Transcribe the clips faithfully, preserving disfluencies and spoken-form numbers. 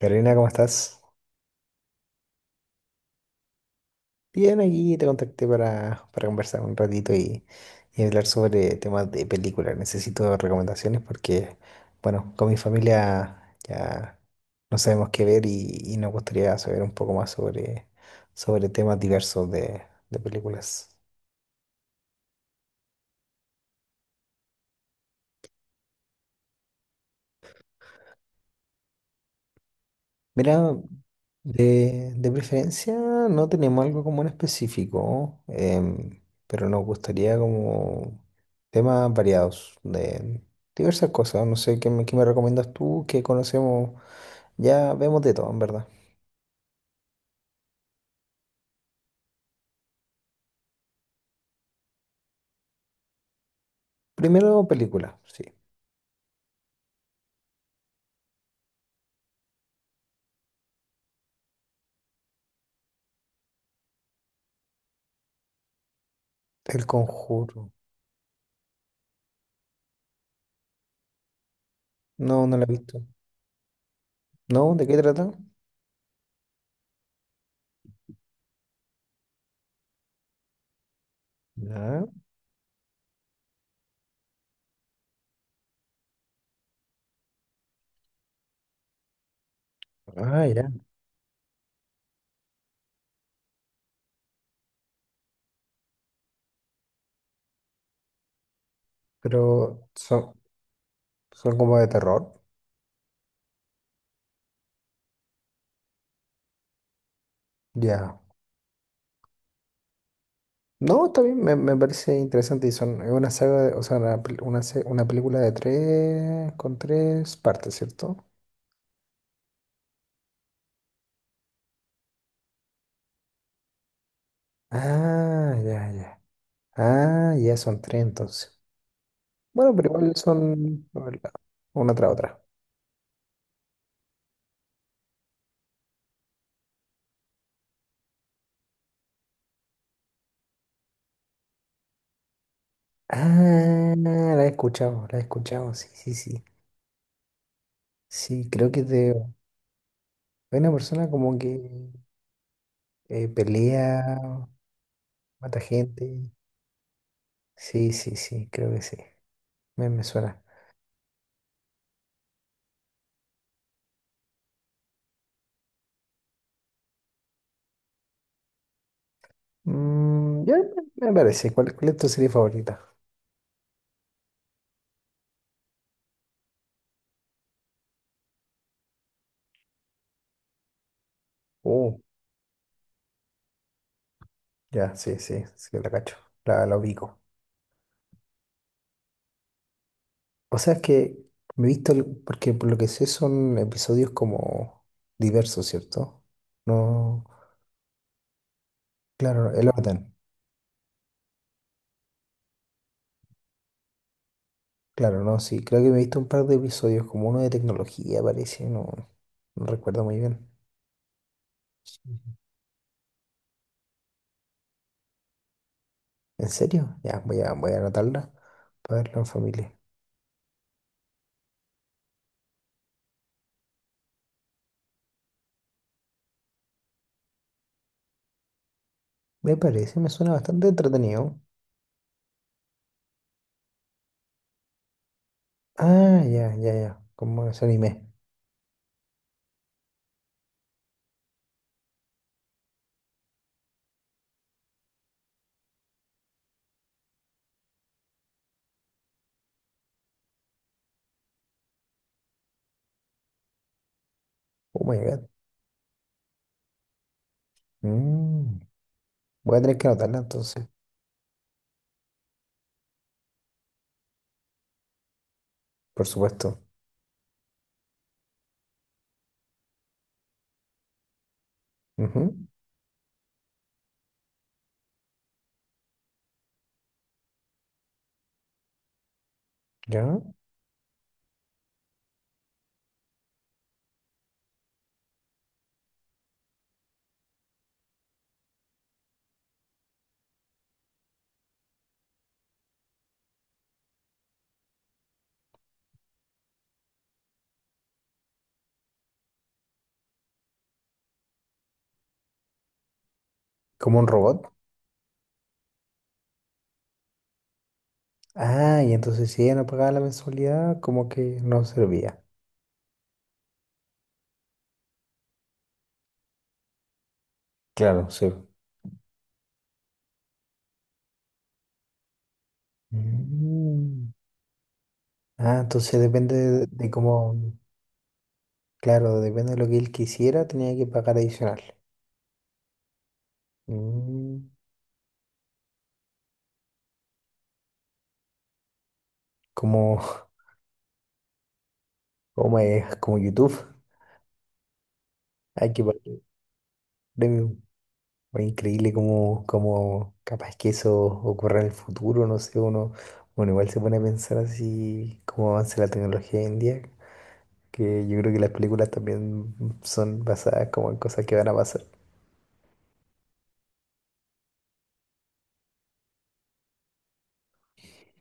Carolina, ¿cómo estás? Bien, aquí te contacté para, para conversar un ratito y, y hablar sobre temas de películas. Necesito recomendaciones porque, bueno, con mi familia ya no sabemos qué ver y, y nos gustaría saber un poco más sobre, sobre temas diversos de, de películas. Mira, de, de preferencia no tenemos algo como en específico, em, pero nos gustaría como temas variados de diversas cosas. No sé, ¿qué me, qué me recomiendas tú? ¿Qué conocemos? Ya vemos de todo, en verdad. Primero, película, sí. El Conjuro. No, no la he visto. ¿No? ¿De qué trata? Ya. Ah, ya. Pero son, son como de terror. Ya. No, está bien, me, me parece interesante y son es una saga, de- o sea, una, pel- una, se- una película de tres, con tres partes, ¿cierto? Ah, ya, ya. Ah, ya son tres entonces. Bueno, pero igual son a ver, la- una tras otra. Ah, la he escuchado, la he escuchado, sí, sí, sí. Sí, creo que es de hay una persona como que eh, pelea, mata gente. Sí, sí, sí, creo que sí. Me, me suena. Mm, ya me me parece. ¿Cuál, cuál es tu serie favorita? Uh, ya, sí, sí, sí, la cacho. La, la ubico. O sea, es que me he visto, el- porque por lo que sé son episodios como diversos, ¿cierto? No, claro, el orden. Claro, no, sí. Creo que me he visto un par de episodios, como uno de tecnología, parece, no, no recuerdo muy bien. ¿En serio? Ya, voy a, voy a anotarla para verlo en familia. Me parece, me suena bastante entretenido. Ah, ya, ya, ya. Como ese anime. Oh my God. Mm. Voy a tener que anotarla entonces, por supuesto. Ujú, ¿Ya? Como un robot. Ah, y entonces si ella no pagaba la mensualidad, como que no servía. Claro, sí. Mm. Ah, entonces depende de, de cómo, claro, depende de lo que él quisiera, tenía que pagar adicional. Mm. Como, como es, como YouTube. Hay que pagar premium. Fue increíble cómo, cómo capaz que eso ocurra en el futuro, no sé, uno, bueno, igual se pone a pensar así cómo avanza la tecnología hoy en día, que yo creo que las películas también son basadas como en cosas que van a pasar.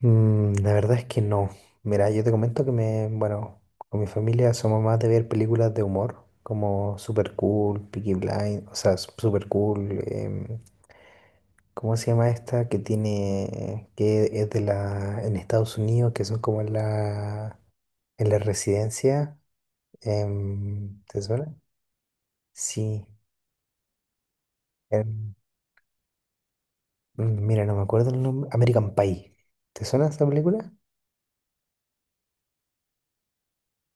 Mm, la verdad es que no. Mira, yo te comento que me, bueno, con mi familia somos más de ver películas de humor, como Super Cool, Peaky Blind, o sea, Super Cool. ¿Cómo se llama esta que tiene, que es de la, en Estados Unidos, que son como en la, en la residencia? em, ¿te suena? Sí. em, mm, mira, no me acuerdo el nombre. American Pie. ¿Te suena esa película?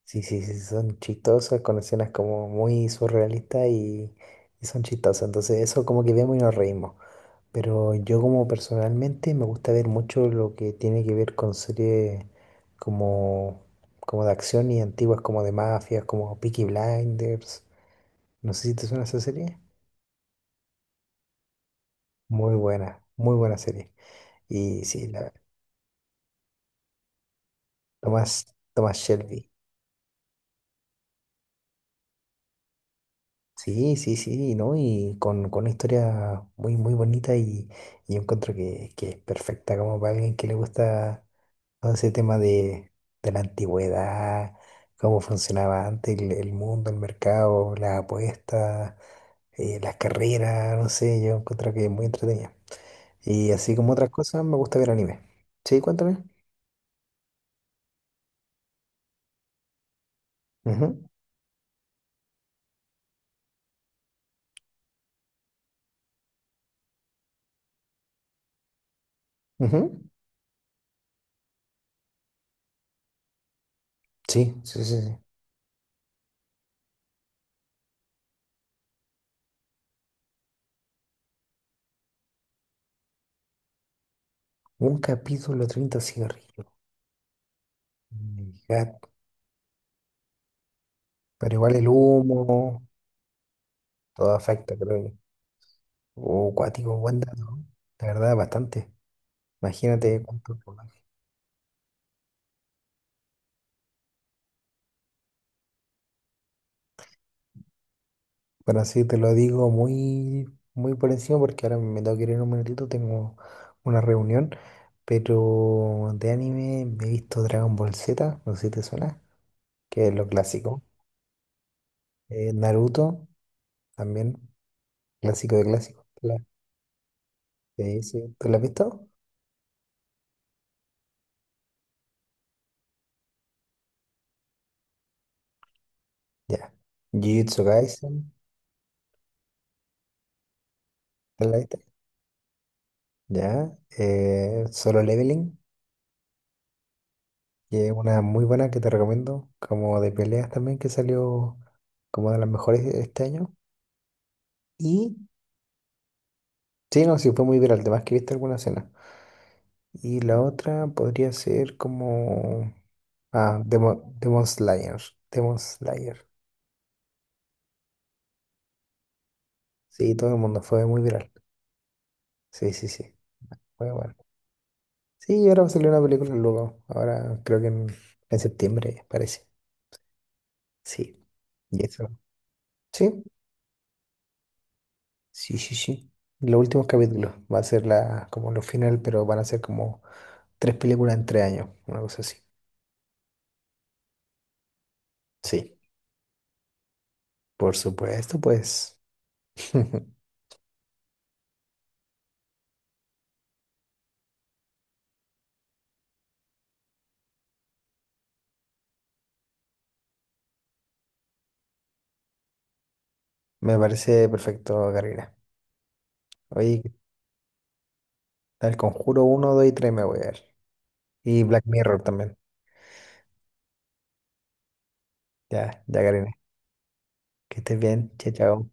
Sí, sí, sí, son chistosas, con escenas como muy surrealistas y, y son chistosas. Entonces eso como que vemos y nos reímos. Pero yo como personalmente me gusta ver mucho lo que tiene que ver con series como, como de acción y antiguas como de mafias, como Peaky Blinders. No sé si te suena esa serie. Muy buena, muy buena serie. Y sí, la, Tomás, Tomás Shelby. Sí, sí, sí, ¿no? Y con, con una historia muy, muy bonita y, y yo encuentro que, que es perfecta como para alguien que le gusta todo ese tema de, de la antigüedad, cómo funcionaba antes el, el mundo, el mercado, las apuestas, eh, las carreras, no sé, yo encuentro que es muy entretenida. Y así como otras cosas, me gusta ver anime. Sí, cuéntame. Ujú, ujú. Sí, sí, sí, sí. Un capítulo, treinta cigarrillos. My God. Pero igual el humo, todo afecta, creo. Que. Oh, cuático, buen dato. La verdad, bastante. Imagínate cuánto. Bueno, sí, te lo digo muy, muy por encima porque ahora me tengo que ir en un minutito, tengo una reunión, pero de anime me he visto Dragon Ball Z, no sé si te suena, que es lo clásico. Eh, Naruto, también, clásico de clásicos. La- sí, sí, ¿tú lo has visto? Ya. Jujutsu Kaisen, ¿te la viste? Ya. Eh, Solo Leveling, que es una muy buena que te recomiendo, como de peleas también, que salió como de las mejores este año. Y sí, no, sí, fue muy viral, además que viste alguna escena. Y la otra podría ser como... Ah, Demo- Demon Slayer. Demon Slayer. Sí, todo el mundo fue muy viral. Sí, sí, sí. Fue bueno. Sí, ahora va a salir una película luego. Ahora creo que en, en septiembre, parece. Sí. Y eso. Sí, sí, sí, sí. Los últimos capítulos. Va a ser la, como lo final, pero van a ser como tres películas en tres años. Una cosa así. Sí, por supuesto, pues. Me parece perfecto, Gabriela. Oye, tal Conjuro uno dos y tres me voy a ver. Y Black Mirror también. Ya, ya, Karina. Que estés bien. Chao, chao.